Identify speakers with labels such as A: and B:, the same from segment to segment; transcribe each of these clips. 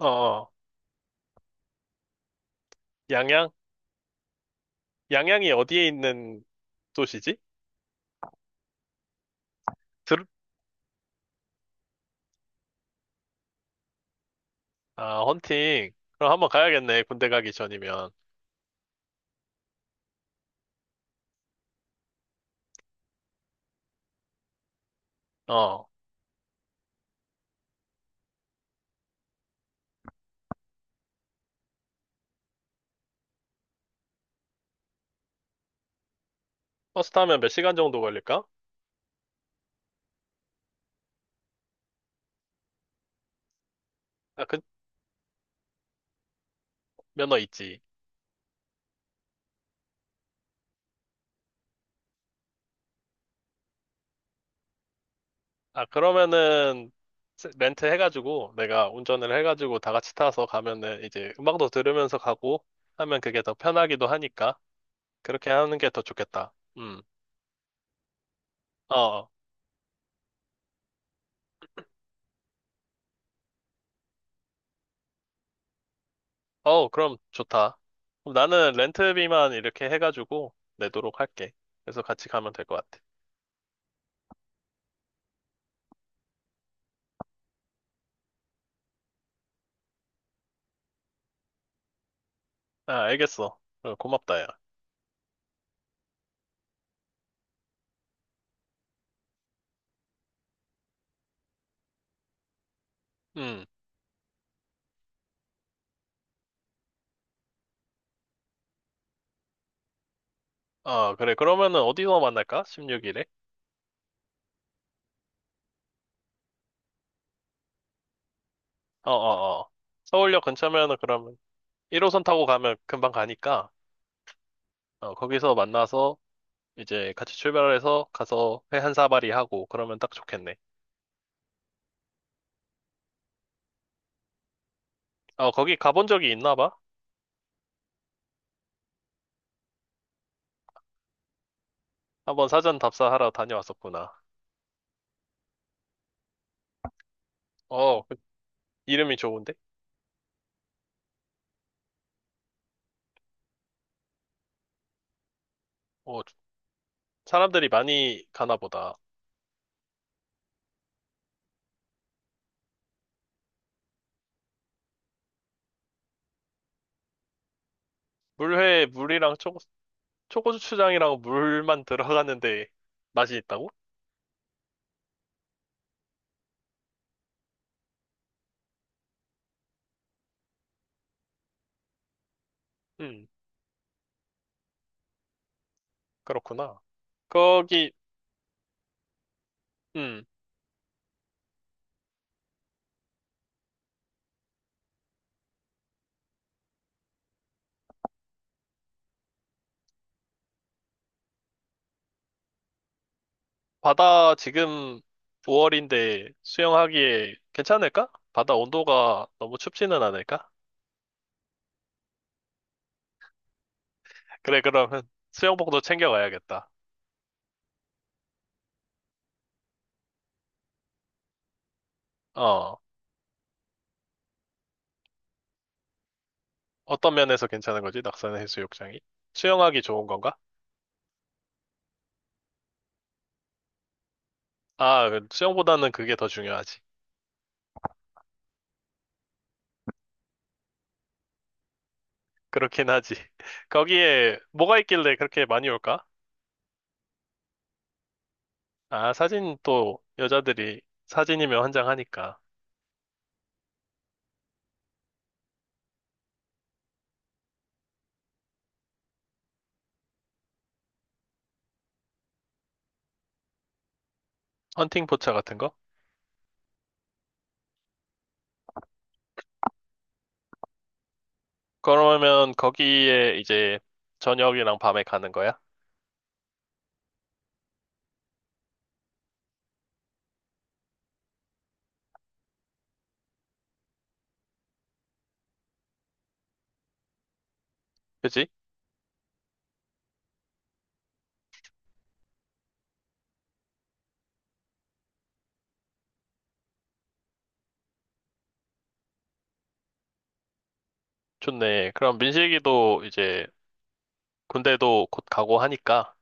A: 어, 어. 양양? 양양이 어디에 있는 도시지? 들... 아, 헌팅. 그럼 한번 가야겠네, 군대 가기 전이면. 어, 버스 타면 몇 시간 정도 걸릴까? 아, 그, 면허 있지. 아, 그러면은, 렌트 해가지고, 내가 운전을 해가지고 다 같이 타서 가면은, 이제 음악도 들으면서 가고 하면 그게 더 편하기도 하니까, 그렇게 하는 게 더 좋겠다. 어, 어, 어, 그럼 좋다. 그럼 나는 렌트비만 이렇게 해가지고 내도록 할게. 그래서 같이 가면 될 것 같아. 아, 알겠어. 어, 고맙다, 야. 음. 아, 그래. 그러면은 어디서 만날까? 16일에? 어, 어, 어. 서울역 근처면은 그러면 1호선 타고 가면 금방 가니까, 어, 거기서 만나서 이제 같이 출발해서 가서 회 한 사발이 하고 그러면 딱 좋겠네. 어, 거기 가본 적이 있나 봐? 한번 사전 답사하러 다녀왔었구나. 어, 그 이름이 좋은데? 어, 사람들이 많이 가나 보다. 물회, 물이랑 초고, 초고추장이랑 물만 들어갔는데 맛이 있다고? 음, 그렇구나. 거기, 음, 바다 지금 5월인데 수영하기에 괜찮을까? 바다 온도가 너무 춥지는 않을까? 그래, 그러면 수영복도 챙겨가야겠다. 어, 어떤 면에서 괜찮은 거지? 낙산 해수욕장이? 수영하기 좋은 건가? 아, 그 수영보다는 그게 더 중요하지. 그렇긴 하지. 거기에 뭐가 있길래 그렇게 많이 올까? 아, 사진 또 여자들이 사진이면 환장하니까. 헌팅 포차 같은 거? 그러면 거기에 이제 저녁이랑 밤에 가는 거야? 그지? 좋네. 그럼 민식이도 이제 군대도 곧 가고 하니까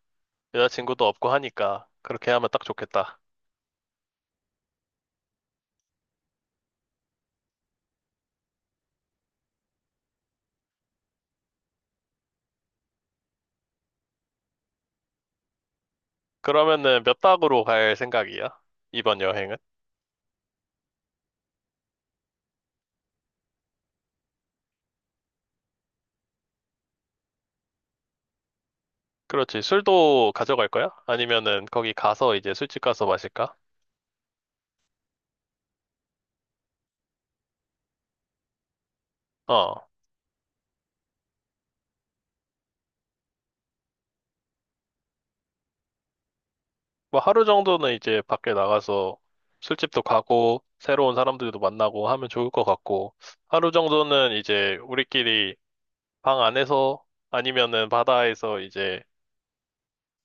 A: 여자친구도 없고 하니까 그렇게 하면 딱 좋겠다. 그러면은 몇 박으로 갈 생각이야? 이번 여행은? 그렇지. 술도 가져갈 거야? 아니면은 거기 가서 이제 술집 가서 마실까? 어. 뭐 하루 정도는 이제 밖에 나가서 술집도 가고 새로운 사람들도 만나고 하면 좋을 것 같고 하루 정도는 이제 우리끼리 방 안에서 아니면은 바다에서 이제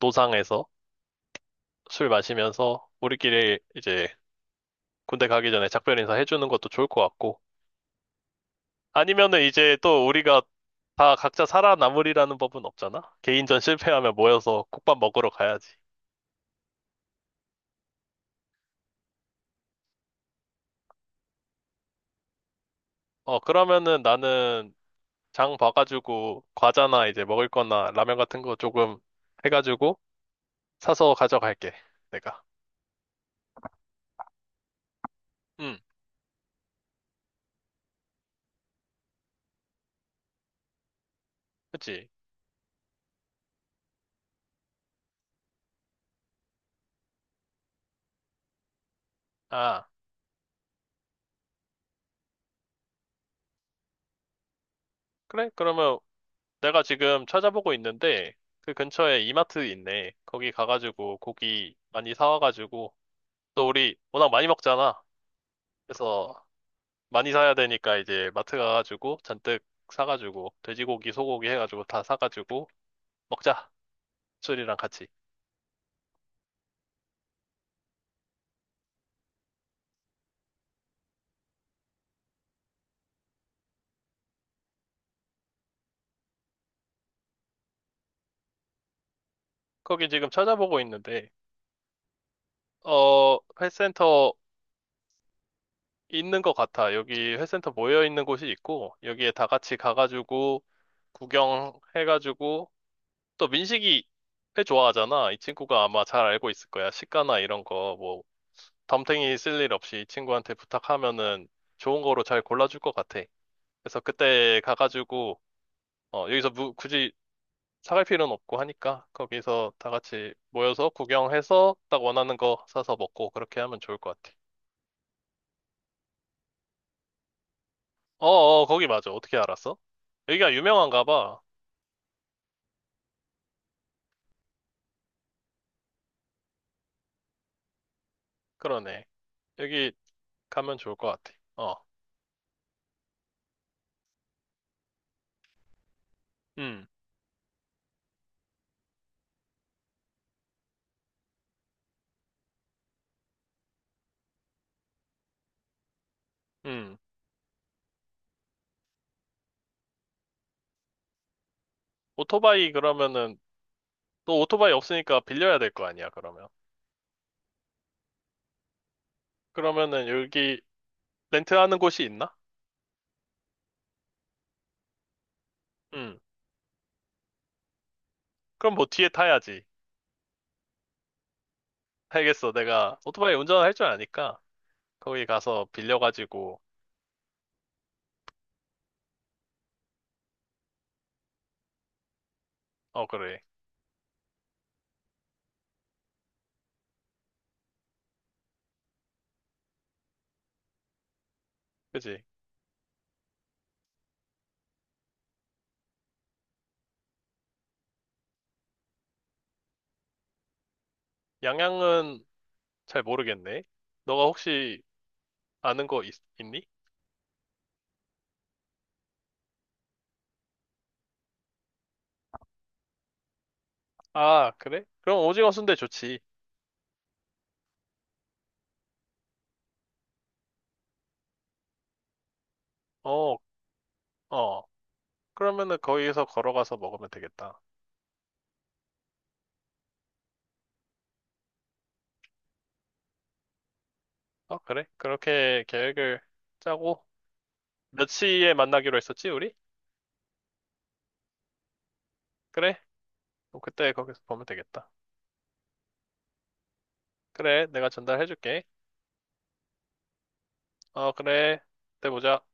A: 노상에서 술 마시면서 우리끼리 이제 군대 가기 전에 작별 인사 해주는 것도 좋을 것 같고 아니면은 이제 또 우리가 다 각자 살아남으리라는 법은 없잖아. 개인전 실패하면 모여서 국밥 먹으러 가야지. 어, 그러면은 나는 장 봐가지고 과자나 이제 먹을 거나 라면 같은 거 조금 해가지고 사서 가져갈게. 내가. 응, 그치. 아, 그래? 그러면 내가 지금 찾아보고 있는데 그 근처에 이마트 있네. 거기 가가지고 고기 많이 사와가지고 또 우리 워낙 많이 먹잖아. 그래서 많이 사야 되니까 이제 마트 가가지고 잔뜩 사가지고 돼지고기, 소고기 해가지고 다 사가지고 먹자. 술이랑 같이. 거기 지금 찾아보고 있는데 어 회센터 있는 것 같아. 여기 회센터 모여 있는 곳이 있고 여기에 다 같이 가가지고 구경해가지고 또 민식이 회 좋아하잖아. 이 친구가 아마 잘 알고 있을 거야. 시가나 이런 거, 뭐, 덤탱이 쓸 일 없이 이 친구한테 부탁하면은 좋은 거로 잘 골라줄 것 같아. 그래서 그때 가가지고, 어, 여기서 굳이 사갈 필요는 없고 하니까 거기서 다 같이 모여서 구경해서 딱 원하는 거 사서 먹고 그렇게 하면 좋을 것 같아. 어어, 거기 맞아. 어떻게 알았어? 여기가 유명한가 봐. 그러네. 여기 가면 좋을 것 같아. 어, 음, 음. 오토바이 그러면은 너 오토바이 없으니까 빌려야 될 거 아니야, 그러면. 그러면은 여기 렌트하는 곳이 있나? 응. 그럼 뭐 뒤에 타야지. 알겠어. 내가 오토바이 운전할 줄 아니까 거기 가서 빌려가지고 어 그래. 그지? 양양은 잘 모르겠네. 너가 혹시 아는 거 있, 니 아, 그래? 그럼 오징어 순대 좋지. 어, 어. 그러면은 거기서 걸어가서 먹으면 되겠다. 어, 그래? 그렇게 계획을 짜고 몇 시에 만나기로 했었지, 우리? 그래? 그럼 그때 거기서 보면 되겠다. 그래, 내가 전달해줄게. 어, 그래. 그때 보자.